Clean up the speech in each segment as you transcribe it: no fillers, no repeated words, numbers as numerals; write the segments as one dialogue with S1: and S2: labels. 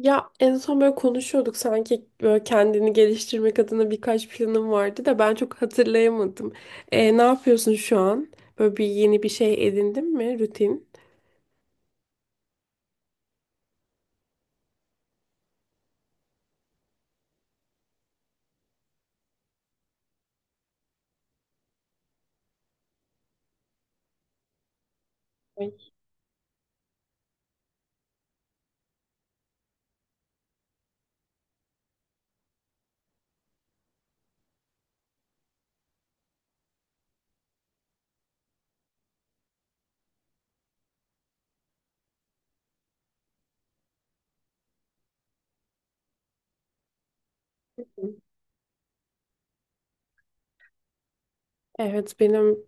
S1: Ya en son böyle konuşuyorduk sanki böyle kendini geliştirmek adına birkaç planım vardı da ben çok hatırlayamadım. Ne yapıyorsun şu an? Böyle bir yeni bir şey edindin mi rutin? Evet, benim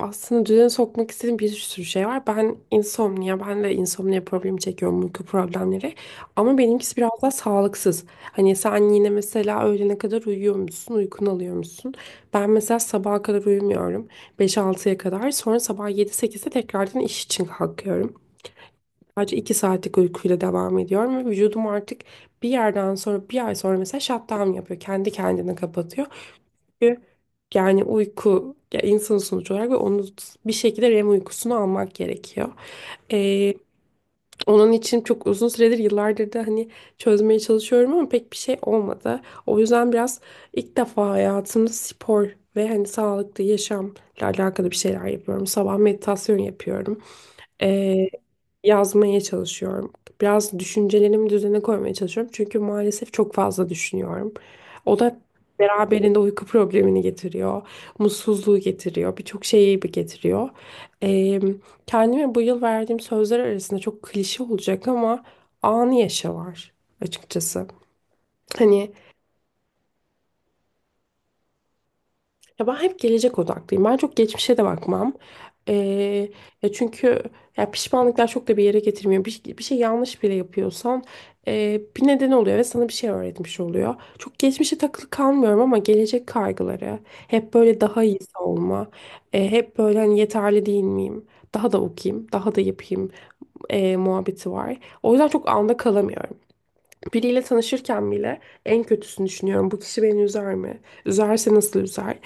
S1: aslında düzene sokmak istediğim bir sürü şey var. Ben insomnia, ben de insomnia problemi çekiyorum, uyku problemleri. Ama benimkisi biraz daha sağlıksız. Hani sen yine mesela öğlene kadar uyuyor musun, uykunu alıyor musun? Ben mesela sabaha kadar uyumuyorum. Beş altıya kadar. Sonra sabah yedi 8'de tekrardan iş için kalkıyorum. Sadece 2 saatlik uykuyla devam ediyorum ve vücudum artık bir yerden sonra bir ay sonra mesela shutdown yapıyor. Kendi kendine kapatıyor. Çünkü yani uyku ya, insan sonuç olarak, ve onu bir şekilde REM uykusunu almak gerekiyor. Ee, Onun için çok uzun süredir, yıllardır da hani çözmeye çalışıyorum ama pek bir şey olmadı. O yüzden biraz ilk defa hayatımda spor ve hani sağlıklı yaşamla alakalı bir şeyler yapıyorum. Sabah meditasyon yapıyorum. Ee, Yazmaya çalışıyorum. Biraz düşüncelerimi düzene koymaya çalışıyorum. Çünkü maalesef çok fazla düşünüyorum. O da beraberinde uyku problemini getiriyor. Mutsuzluğu getiriyor. Birçok şeyi bir getiriyor. Ee, Kendime bu yıl verdiğim sözler arasında çok klişe olacak ama anı yaşa var açıkçası. Hani Ya ben hep gelecek odaklıyım. Ben çok geçmişe de bakmam. Ee, Çünkü ya pişmanlıklar çok da bir yere getirmiyor. Bir şey yanlış bile yapıyorsan bir neden oluyor ve sana bir şey öğretmiş oluyor. Çok geçmişe takılı kalmıyorum ama gelecek kaygıları, hep böyle daha iyisi olma, hep böyle hani yeterli değil miyim? Daha da okuyayım, daha da yapayım muhabbeti var. O yüzden çok anda kalamıyorum. Biriyle tanışırken bile en kötüsünü düşünüyorum. Bu kişi beni üzer mi? Üzerse nasıl üzer?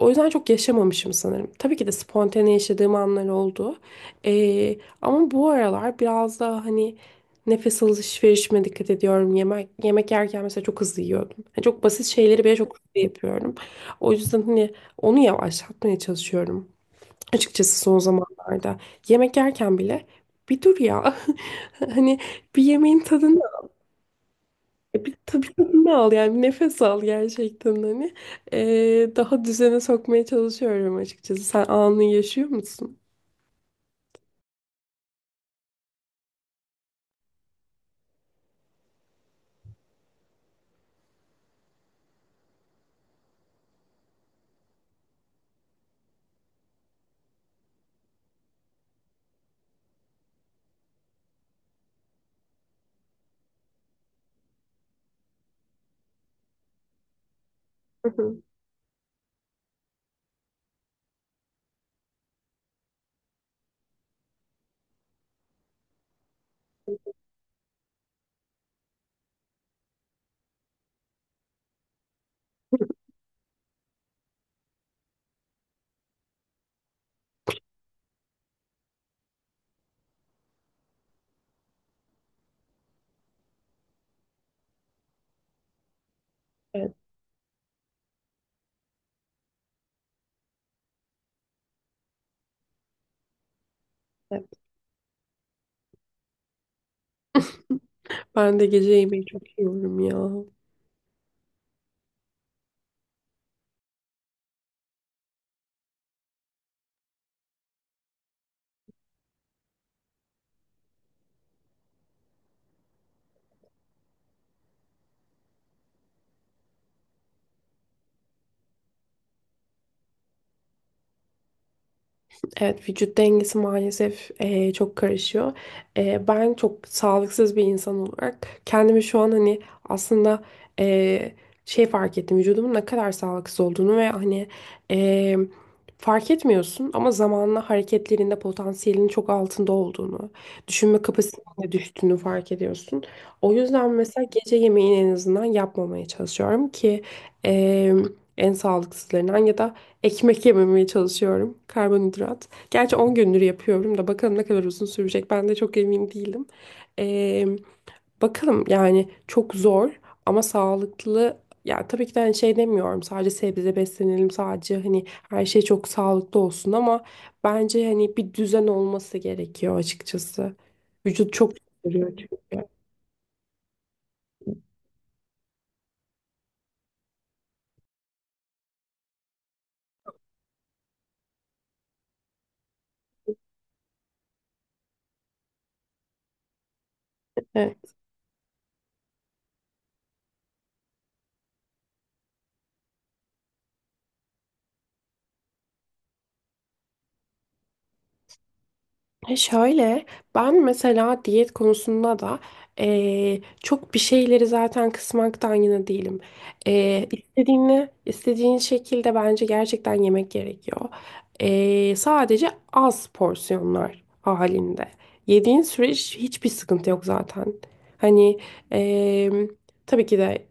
S1: O yüzden çok yaşamamışım sanırım. Tabii ki de spontane yaşadığım anlar oldu. Ama bu aralar biraz daha hani nefes alışverişime dikkat ediyorum. Yemek yerken mesela çok hızlı yiyordum. Yani çok basit şeyleri bile çok hızlı yapıyorum. O yüzden hani onu yavaşlatmaya çalışıyorum. Açıkçası son zamanlarda. Yemek yerken bile bir dur ya. Hani bir yemeğin tadını bir tabii tadını al, yani bir nefes al gerçekten hani. E, daha düzene sokmaya çalışıyorum açıkçası. Sen anını yaşıyor musun? Hı hı. Evet. Evet. Ben de gece yemeği çok yiyorum ya. Evet, vücut dengesi maalesef çok karışıyor. Ben çok sağlıksız bir insan olarak kendimi şu an hani aslında eee, şey fark ettim, vücudumun ne kadar sağlıksız olduğunu ve hani eee, fark etmiyorsun ama zamanla hareketlerinde potansiyelinin çok altında olduğunu, düşünme kapasitenin de düştüğünü fark ediyorsun. O yüzden mesela gece yemeğini en azından yapmamaya çalışıyorum ki eee, en sağlıksızlarından ya da ekmek yememeye çalışıyorum. Karbonhidrat. Gerçi 10 gündür yapıyorum da bakalım ne kadar uzun sürecek. Ben de çok emin değilim. Ee, Bakalım, yani çok zor ama sağlıklı. Ya tabii ki de hani şey demiyorum, sadece sebze beslenelim, sadece hani her şey çok sağlıklı olsun ama bence hani bir düzen olması gerekiyor açıkçası. Vücut çok yoruluyor çünkü. E, şöyle, ben mesela diyet konusunda da çok bir şeyleri zaten kısmaktan yana değilim. Eee, istediğini istediğin şekilde bence gerçekten yemek gerekiyor. Sadece az porsiyonlar halinde. Yediğin süreç hiçbir sıkıntı yok zaten. Hani, eee, tabii ki de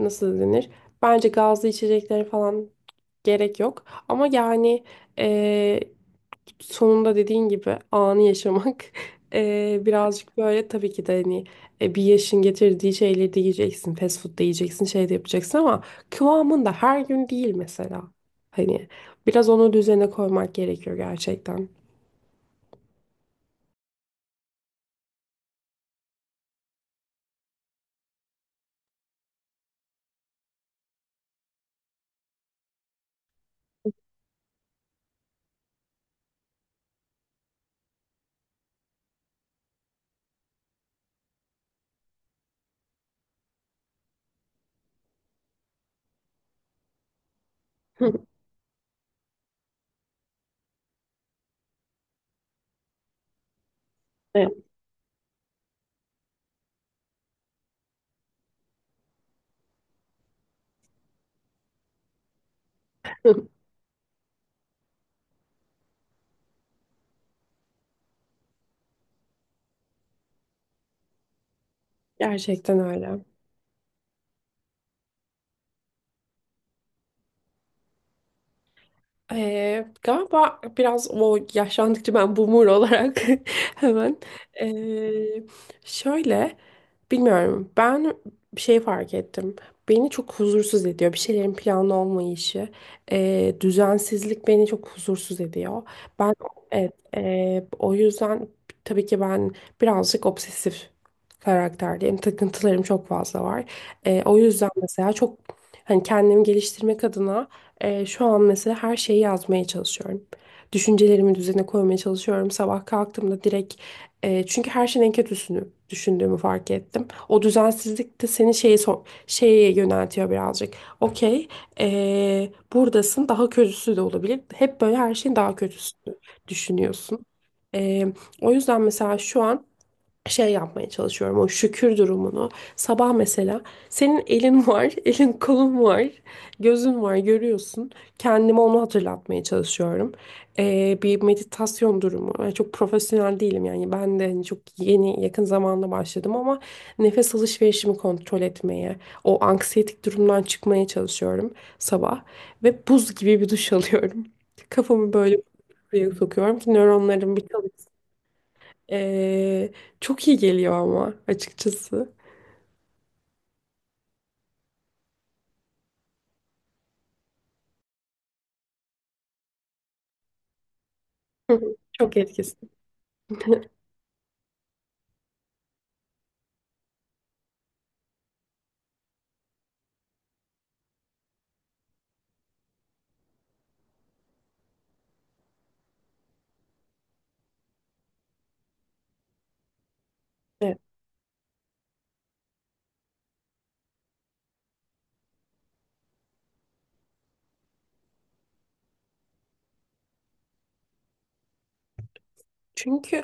S1: nasıl denir? Bence gazlı içeceklere falan gerek yok. Ama yani eee sonunda dediğin gibi anı yaşamak birazcık böyle tabii ki de hani bir yaşın getirdiği şeyleri de yiyeceksin, fast food da yiyeceksin, şey de yapacaksın ama kıvamında, her gün değil mesela. Hani biraz onu düzene koymak gerekiyor gerçekten. Evet. Gerçekten öyle. Galiba biraz o, yaşlandıkça ben boomer olarak hemen ee, şöyle bilmiyorum, ben bir şey fark ettim. Beni çok huzursuz ediyor bir şeylerin planlı olmayışı, düzensizlik beni çok huzursuz ediyor. Ben, evet, o yüzden tabii ki ben birazcık obsesif karakterdeyim. Takıntılarım çok fazla var. O yüzden mesela çok hani kendimi geliştirmek adına şu an mesela her şeyi yazmaya çalışıyorum. Düşüncelerimi düzene koymaya çalışıyorum. Sabah kalktığımda direkt çünkü her şeyin en kötüsünü düşündüğümü fark ettim. O düzensizlik de seni şeye yöneltiyor birazcık. Okey, buradasın, daha kötüsü de olabilir. Hep böyle her şeyin daha kötüsünü düşünüyorsun. E, O yüzden mesela şu an şey yapmaya çalışıyorum, o şükür durumunu. Sabah mesela senin elin var, elin kolun var, gözün var, görüyorsun. Kendime onu hatırlatmaya çalışıyorum. Bir meditasyon durumu. Ben çok profesyonel değilim, yani ben de hani çok yeni, yakın zamanda başladım ama nefes alışverişimi kontrol etmeye, o anksiyetik durumdan çıkmaya çalışıyorum sabah ve buz gibi bir duş alıyorum. Kafamı böyle buraya sokuyorum ki nöronlarım bir ee, çok iyi geliyor ama açıkçası. Hı hı, çok etkisi. Evet. Çünkü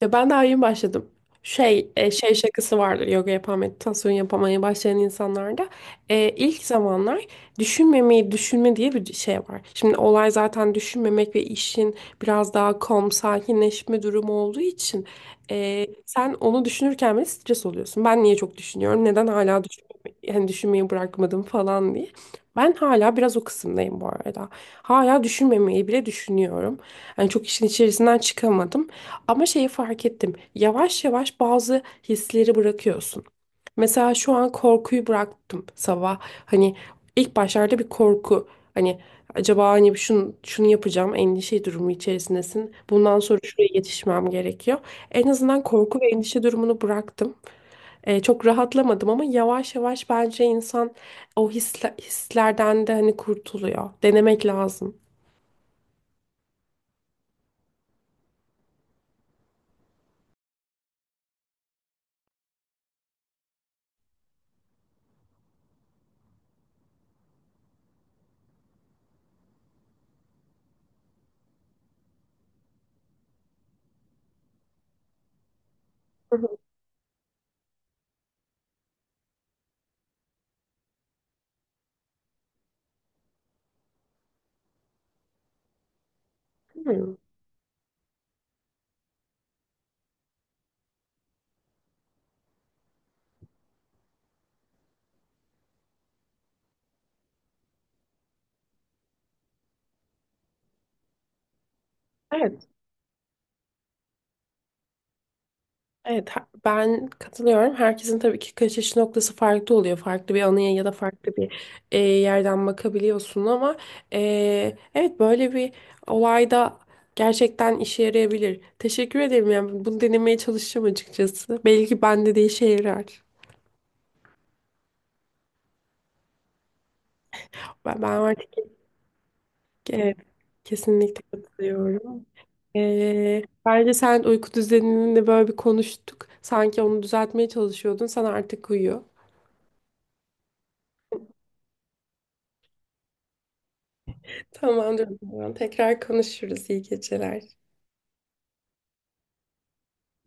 S1: ya ben daha yeni başladım. Şey şakası vardır yoga yapan, meditasyon yapamaya başlayan insanlarda. E, ilk zamanlar düşünmemeyi düşünme diye bir şey var. Şimdi olay zaten düşünmemek ve işin biraz daha calm, sakinleşme durumu olduğu için sen onu düşünürken bile stres oluyorsun. Ben niye çok düşünüyorum, neden hala düşünmeyi, yani düşünmeyi bırakmadım falan diye. Ben hala biraz o kısımdayım bu arada. Hala düşünmemeyi bile düşünüyorum. Yani çok işin içerisinden çıkamadım. Ama şeyi fark ettim. Yavaş yavaş bazı hisleri bırakıyorsun. Mesela şu an korkuyu bıraktım sabah. Hani ilk başlarda bir korku. Hani acaba hani şunu, şunu yapacağım, endişe durumu içerisindesin. Bundan sonra şuraya yetişmem gerekiyor. En azından korku ve endişe durumunu bıraktım. Çok rahatlamadım ama yavaş yavaş bence insan o hislerden de hani kurtuluyor. Denemek lazım. Hı hı. Hmm. Evet, evet, ben katılıyorum. Herkesin tabii ki kaçış noktası farklı oluyor. Farklı bir anıya ya da farklı bir yerden bakabiliyorsun ama evet, böyle bir olayda gerçekten işe yarayabilir. Teşekkür ederim. Yani bunu denemeye çalışacağım açıkçası. Belki bende de işe yarar. Ben var. Evet, kesinlikle katılıyorum. Bence sen uyku düzenini de böyle bir konuştuk. Sanki onu düzeltmeye çalışıyordun. Sen artık uyuyor. Tamamdır o zaman. Tekrar konuşuruz. İyi geceler.